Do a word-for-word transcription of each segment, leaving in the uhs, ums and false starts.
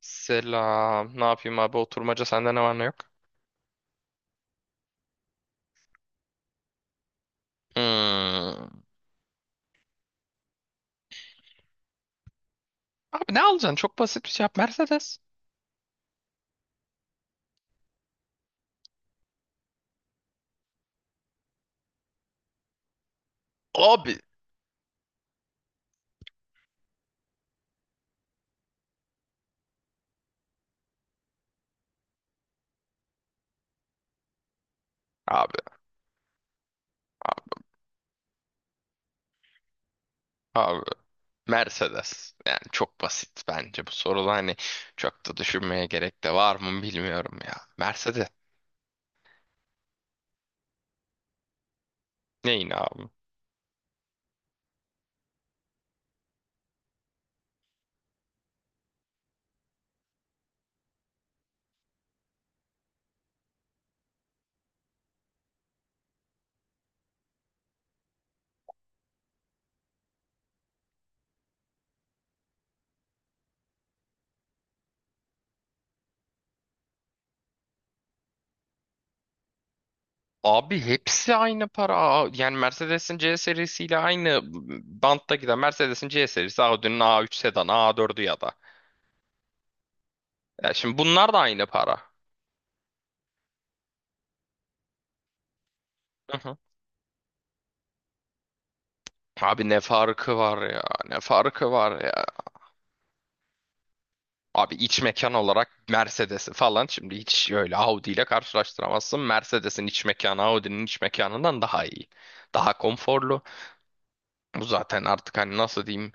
Selam. Ne yapayım abi? Oturmaca sende ne var ne yok? Hmm. Abi ne alacaksın? Çok basit bir şey yap. Mercedes. Abi. Abi. Abi. Mercedes. Yani çok basit bence bu soruda hani çok da düşünmeye gerek de var mı bilmiyorum ya. Mercedes. Neyin abi? Abi hepsi aynı para. Aa, Yani Mercedes'in C serisiyle aynı bantta giden Mercedes'in C serisi Audi'nin A üç sedanı A dördü ya da. Ya şimdi bunlar da aynı para. Abi ne farkı var ya? Ne farkı var ya? Abi iç mekan olarak Mercedes'i falan şimdi hiç öyle Audi ile karşılaştıramazsın. Mercedes'in iç mekanı Audi'nin iç mekanından daha iyi. Daha konforlu. Bu zaten artık hani nasıl diyeyim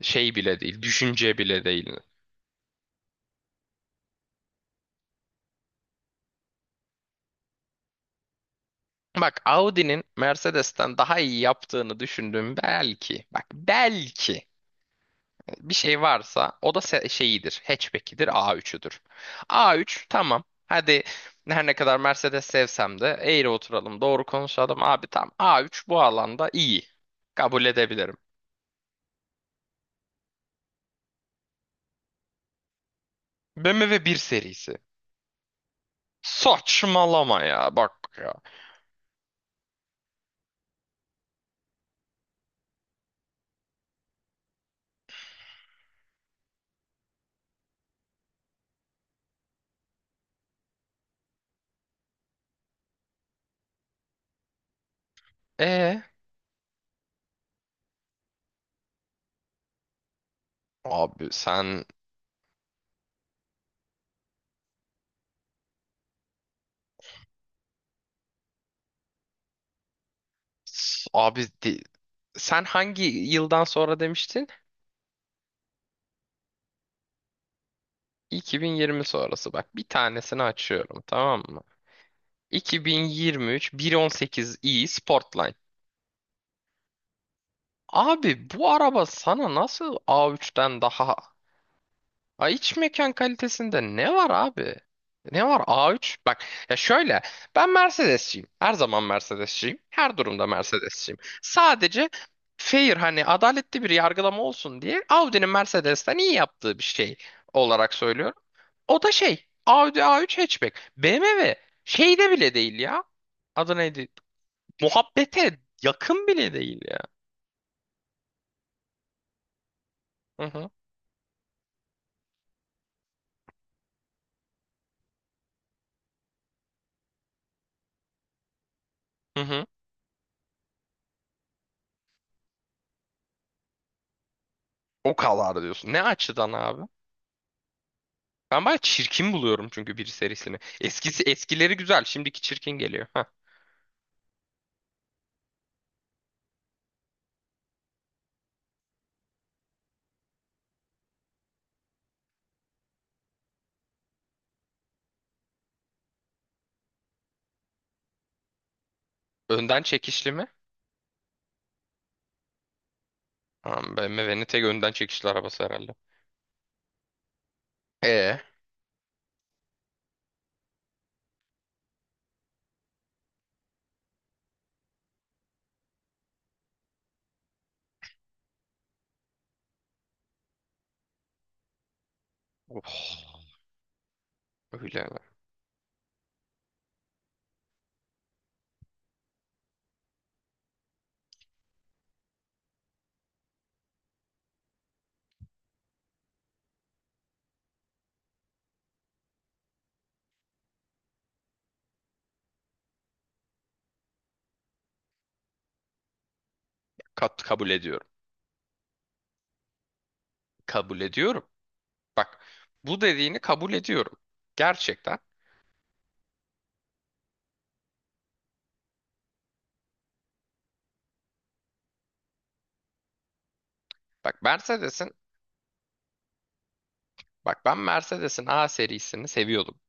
şey bile değil, düşünce bile değil. Bak Audi'nin Mercedes'ten daha iyi yaptığını düşündüğüm belki. Bak belki bir şey varsa o da se- şeyidir. Hatchback'idir, A üçtür. A üç tamam. Hadi her ne kadar Mercedes sevsem de eğri oturalım, doğru konuşalım. Abi tam A üç bu alanda iyi. Kabul edebilirim. B M W bir serisi. Saçmalama ya bak ya. E abi sen abi di- Sen hangi yıldan sonra demiştin? iki bin yirmi sonrası bak bir tanesini açıyorum tamam mı? iki bin yirmi üç bir on sekiz i Sportline. Abi bu araba sana nasıl A üçten daha? Ha, iç mekan kalitesinde ne var abi? Ne var A üç? Bak ya şöyle ben Mercedesçiyim. Her zaman Mercedesçiyim. Her durumda Mercedesçiyim. Sadece fair hani adaletli bir yargılama olsun diye Audi'nin Mercedes'ten iyi yaptığı bir şey olarak söylüyorum. O da şey Audi A üç hatchback. B M W şeyde bile değil ya. Adı neydi? Muhabbete yakın bile değil ya. Hı hı. Hı hı. O kadar diyorsun. Ne açıdan abi? Ben bayağı çirkin buluyorum çünkü bir serisini. Eskisi eskileri güzel, şimdiki çirkin geliyor. Hah. Önden çekişli mi? Tamam, B M W'nin tek önden çekişli arabası herhalde. E, oh, öyle mi? Kat kabul ediyorum. Kabul ediyorum. Bak, bu dediğini kabul ediyorum. Gerçekten. Bak Mercedes'in, bak ben Mercedes'in A serisini seviyordum.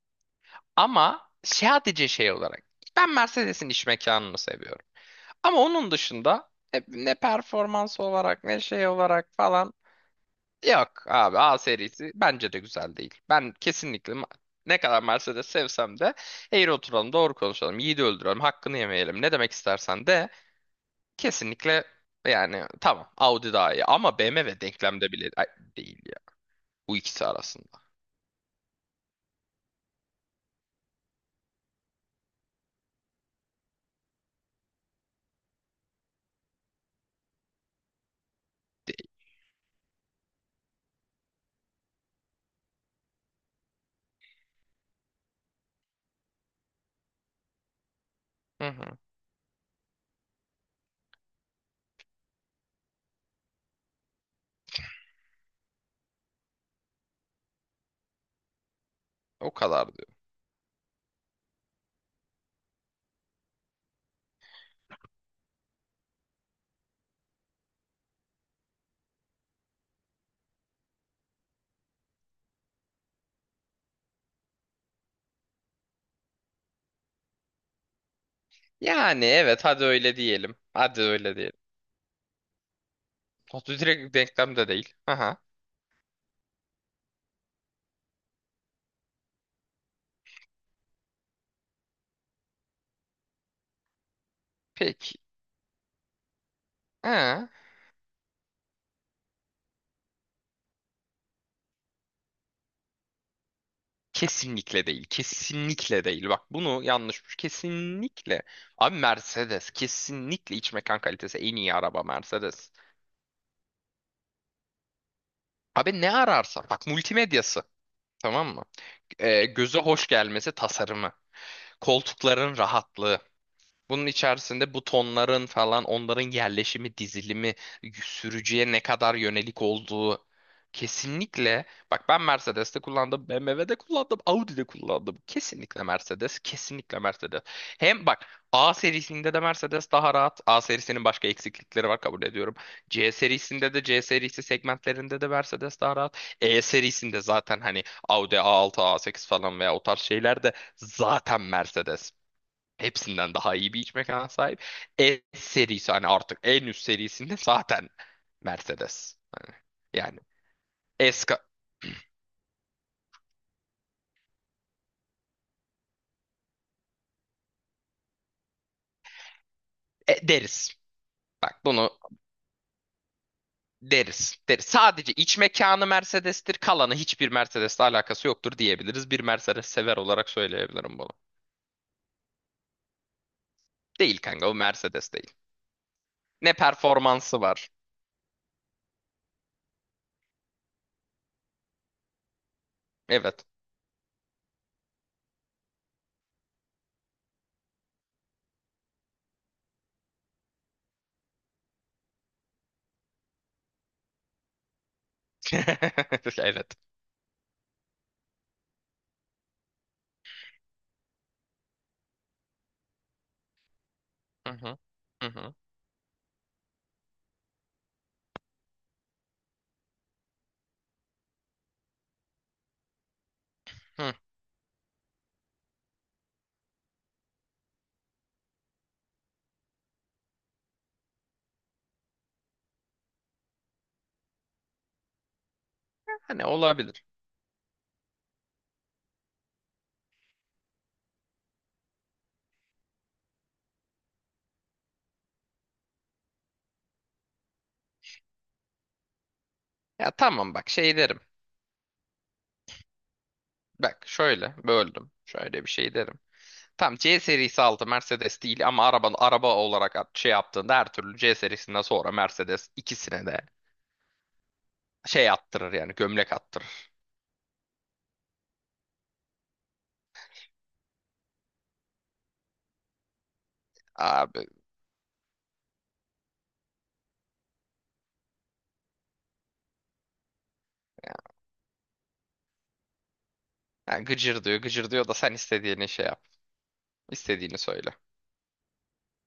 Ama sadece şey olarak ben Mercedes'in iç mekanını seviyorum. Ama onun dışında e, ne performans olarak ne şey olarak falan yok abi, A serisi bence de güzel değil. Ben kesinlikle ma- ne kadar Mercedes sevsem de eğri oturalım doğru konuşalım yiğidi öldürelim hakkını yemeyelim ne demek istersen de kesinlikle yani tamam Audi daha iyi ama B M W denklemde bile Ay, değil ya bu ikisi arasında değil. Hı hı. O kadar diyor. Yani evet hadi öyle diyelim. Hadi öyle diyelim. Audi direkt denklemde değil. Aha. Peki. Ha. Kesinlikle değil. Kesinlikle değil. Bak bunu yanlış. Kesinlikle. Abi Mercedes. Kesinlikle iç mekan kalitesi en iyi araba Mercedes. Abi ne ararsa. Bak multimedyası. Tamam mı? Ee, göze hoş gelmesi tasarımı. Koltukların rahatlığı. Bunun içerisinde butonların falan onların yerleşimi, dizilimi, y- sürücüye ne kadar yönelik olduğu kesinlikle, bak ben Mercedes'te kullandım, B M W'de kullandım, Audi'de kullandım. Kesinlikle Mercedes, kesinlikle Mercedes. Hem bak A serisinde de Mercedes daha rahat. A serisinin başka eksiklikleri var, kabul ediyorum. C serisinde de, C serisi segmentlerinde de Mercedes daha rahat. E serisinde zaten hani Audi A altı, A sekiz falan veya o tarz şeyler de zaten Mercedes. Hepsinden daha iyi bir iç mekana sahip. S serisi hani artık en üst serisinde zaten Mercedes. Yani eska e, deriz. Bak bunu deriz. Deriz. Sadece iç mekanı Mercedes'tir. Kalanı hiçbir Mercedes'le alakası yoktur diyebiliriz. Bir Mercedes sever olarak söyleyebilirim bunu. Değil kanka, o Mercedes değil. Ne performansı var. Evet. Evet. Hı hı. Hı hı. Hı. Hani olabilir. Ya tamam bak şey derim. Bak şöyle böldüm. Şöyle bir şey derim. Tam C serisi altı Mercedes değil ama araba araba olarak at- şey yaptığında her türlü C serisinden sonra Mercedes ikisine de şey attırır yani gömlek attırır. Abi yani gıcır diyor gıcır diyor da sen istediğini şey yap. İstediğini söyle.